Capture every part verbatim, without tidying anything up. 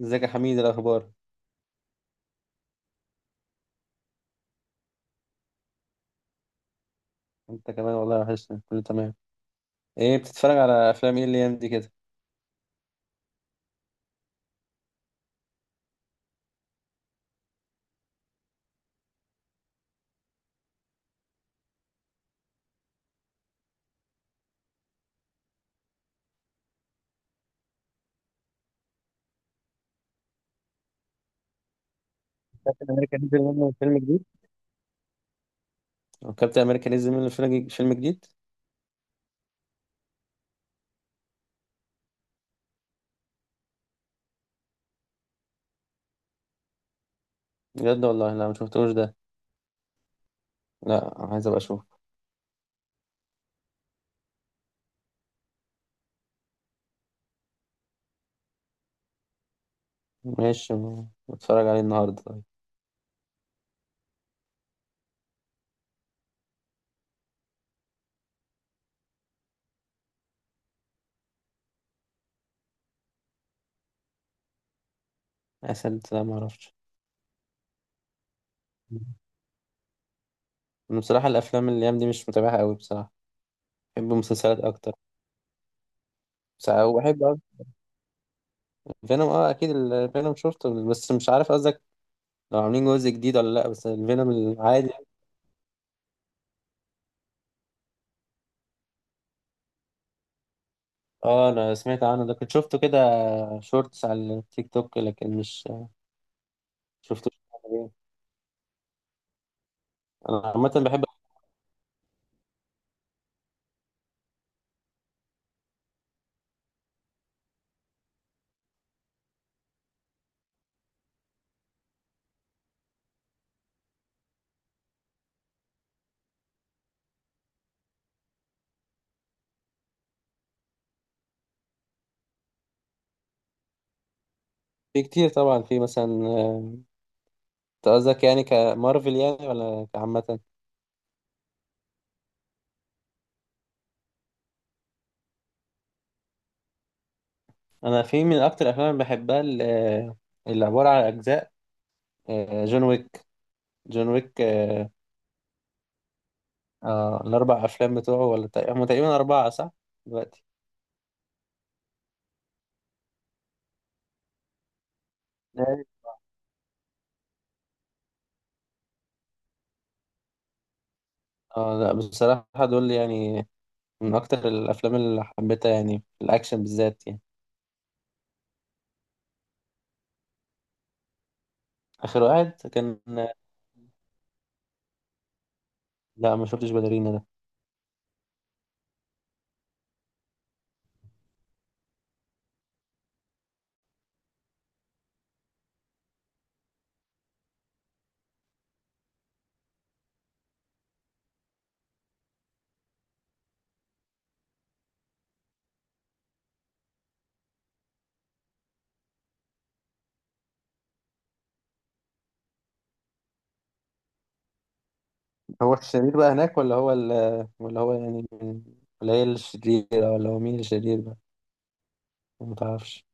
ازيك يا حميد؟ إيه الاخبار؟ انت كمان والله وحشني. كله تمام. ايه بتتفرج على افلام ايه الايام دي كده؟ كابتن امريكا نزل منه فيلم جديد؟ هو كابتن امريكا نزل منه فيلم فيلم جديد؟ بجد؟ والله لا ما شفتوش ده. لا، عايز ابقى اشوف. ماشي، م- بتفرج عليه النهارده طيب؟ اسد؟ لا ما اعرفش. انا بصراحه الافلام الايام دي مش متابعها قوي بصراحه. بحب المسلسلات اكتر. ساعة وبحب أك- فينوم اه اكيد الفينوم شفته، بس مش عارف قصدك. لو عاملين جزء جديد ولا لا، بس الفينوم العادي. اه، انا سمعت عنه ده. كنت شفته كده شورتس على التيك توك، لكن مش شفتوش كامل. انا عامه بحب. في كتير طبعا، في مثلا آه، انت قصدك يعني كمارفل، يعني ولا عامه؟ انا في من اكتر الافلام اللي بحبها ال- آه، اللي عباره عن اجزاء. آه، جون ويك. جون ويك آه آه، الاربع افلام بتوعه، ولا تق- هم تقريبا اربعه صح؟ دلوقتي. أيوة. اه لا بصراحه، دول يعني من اكتر الافلام اللي حبيتها يعني، في الاكشن بالذات يعني. اخر واحد كان. لا ما شفتش باليرينا ده. هو الشرير بقى هناك، ولا هو ال ولا هو يعني من- ولا هي الشريرة؟ ولا هو مين الشرير بقى؟ ما تعرفش.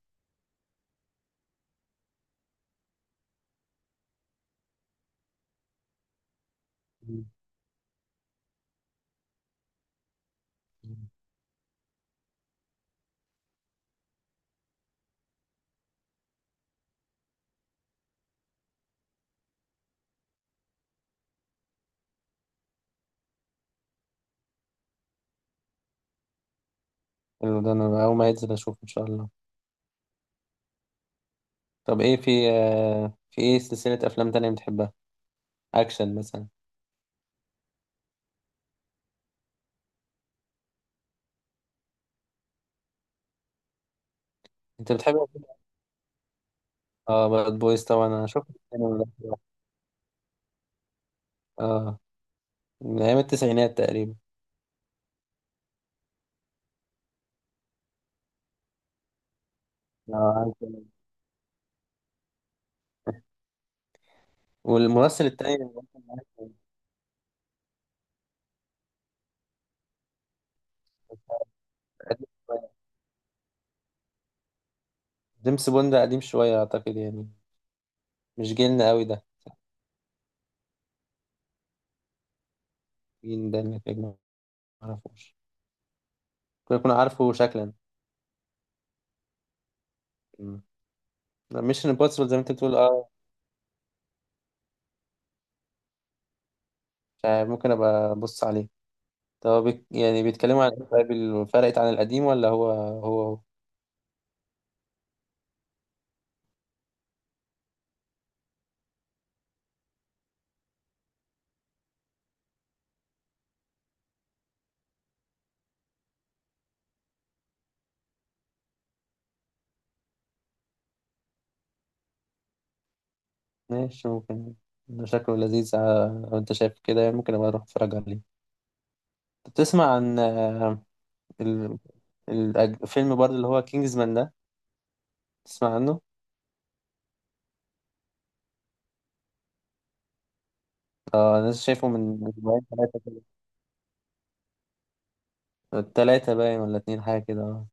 حلو ده، انا اول ما ينزل اشوف ان شاء الله. طب ايه، في آه، في ايه سلسلة افلام تانية بتحبها؟ اكشن مثلا؟ انت بتحب؟ اه، باد بويز طبعا انا شفت الفيلم ده. اه. من ايام التسعينات تقريبا. اه، عارف. والممثل التاني اللي كان معاه؟ قديم شوية. جيمس بوند قديم شوية اعتقد يعني. مش جيلنا قوي ده. جيل ده اللي في الأجنبي. معرفوش. ممكن أكون عارفه شكلا. مش امبوسيبل زي ما أنت بتقول، أه. مش عارف، ممكن أبقى أبص عليه. طب هو بيك يعني بيتكلموا عن إيه طيب؟ ال- فرقت عن القديم ولا هو هو؟ ماشي، ممكن. ده شكله لذيذ، آه، لو أنت شايف كده يعني ممكن أبقى أروح أتفرج عليه. طب تسمع عن آه، ال- ال- الفيلم برضه اللي هو كينجزمان ده؟ تسمع عنه؟ اه، انا لسه شايفه من اسبوعين ثلاثة كده. ثلاثة باين ولا اتنين حاجة كده؟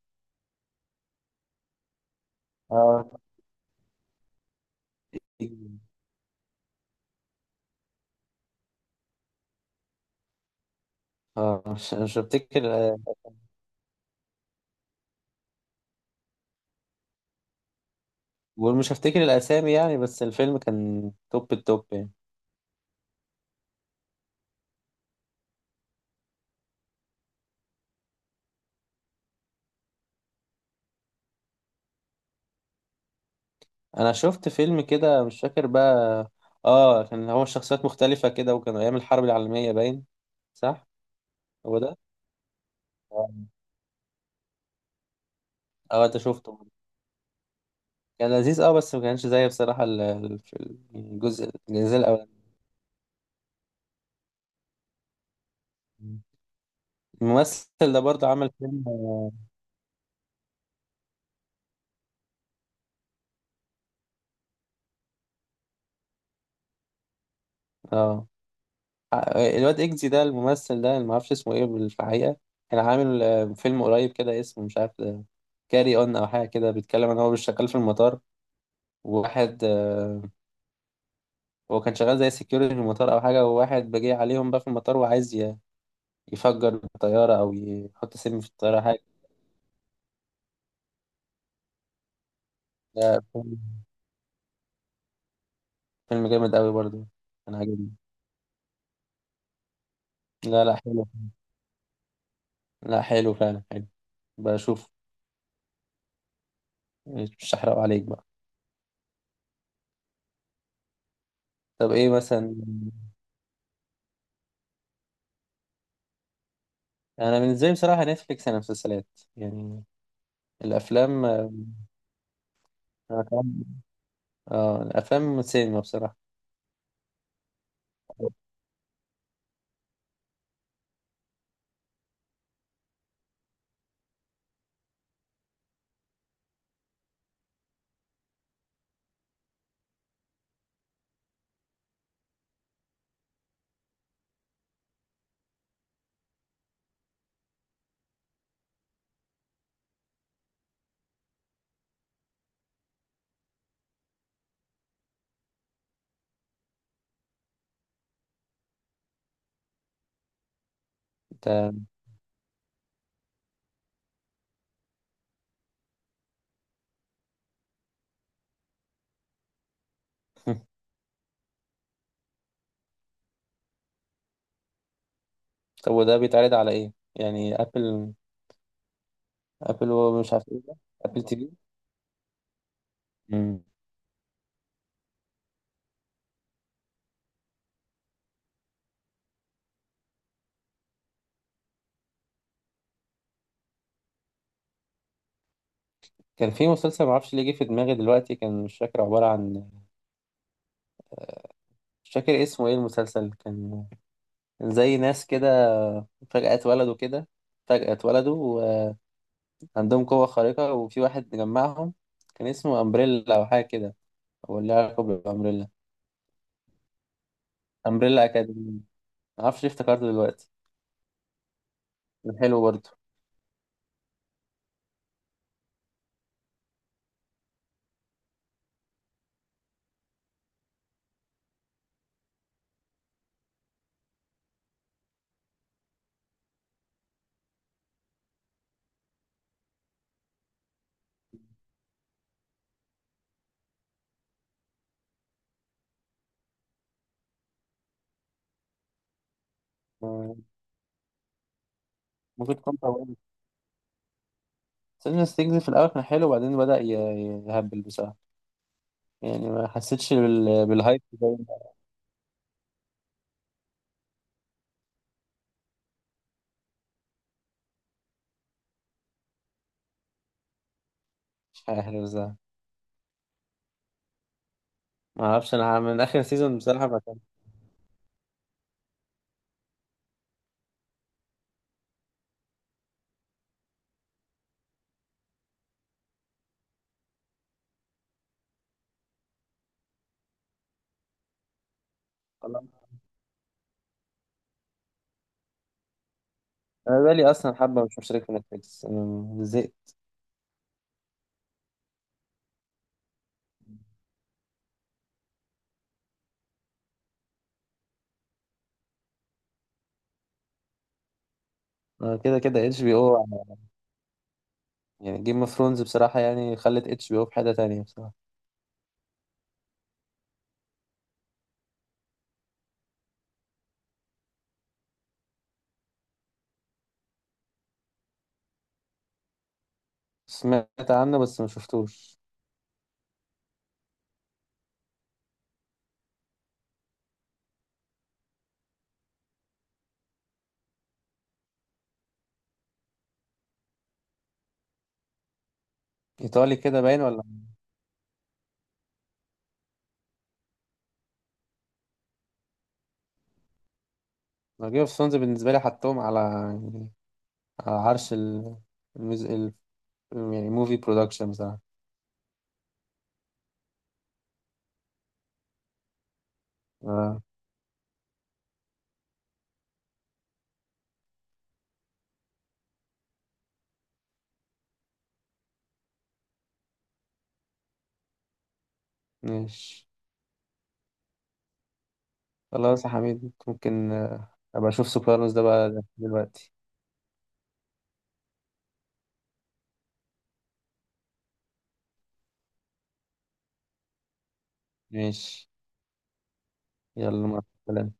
اه، اه. اه مش مش بفتكر. ومش هفتكر الاسامي يعني، بس الفيلم كان توب التوب يعني. انا شفت فيلم كده، مش فاكر بقى. اه، كان هو شخصيات مختلفة كده وكان ايام الحرب العالمية باين. صح. هو ده. اه. آه، انت شفته؟ كان لذيذ، اه بس ما كانش زي بصراحة ال- ال- في الجزء الجزء الاولاني. الممثل ده برضه عمل فيلم، اه. آه. آه، الواد اكزي ده الممثل ده اللي معرفش اسمه ايه بال- في الحقيقة. كان عامل آه، فيلم قريب كده اسمه مش عارف كاري اون او حاجة كده، بيتكلم ان هو مش شغال في المطار. وواحد آه، هو كان شغال زي سكيورتي في المطار او حاجة، وواحد بيجي عليهم بقى في المطار وعايز ي- يفجر الطيارة او يحط سم في الطيارة حاجة. ده فيلم فيلم جامد قوي برضه. انا عاجبني. لا، لا حلو. لا، حلو فعلا حلو. بشوف. مش هحرقه عليك بقى. طب ايه مثلا؟ انا بالنسبه لي بصراحه نتفليكس انا مسلسلات، يعني الافلام. الافلام اه الافلام سينما بصراحه. انت. طب وده بيتعرض على ايه يعني؟ ابل؟ ابل ومش عارف ايه ده، ابل تي في؟ مم. كان في مسلسل معرفش ليه جه في دماغي دلوقتي، كان مش فاكر عباره عن، مش فاكر اسمه ايه. المسلسل كان كان زي ناس كده، فجأة اتولدوا كده، فجأة اتولدوا، وعندهم قوة خارقة وفي واحد جمعهم. كان اسمه أمبريلا أو حاجة كده. هو اللي علاقة بأمبريلا؟ أمبريلا أكاديمي. معرفش ليه افتكرته دلوقتي. كان حلو برضه. ممكن تكون طولت. سيلفن ستيجز في الأول كان حلو، وبعدين بدأ ي- يهبل بصراحة. يعني ما حسيتش بال... بالهايب زي ما- مش عارف بصراحة. ما أعرفش أنا، من آخر سيزون بصراحة ما كان. خلاص، أنا بقالي أصلا حبة مش مشترك في نتفليكس، أنا زهقت. أنا كده كده اتش بي او، يعني جيم اوف ثرونز بصراحة يعني خلت اتش بي او في حتة تانية بصراحة. سمعت عنه بس ما شفتوش. إيطالي كده باين ولا؟ جيم اوف ثرونز بالنسبة لي حطهم على يعني، على عرش ال... المز... ال... يعني موفي برودكشن بصراحة. آه. ماشي. خلاص يا حميد، ممكن آه، أبقى أشوف سوبرانوس ده بقى دلوقتي. ماشي. يلا، مع السلامة.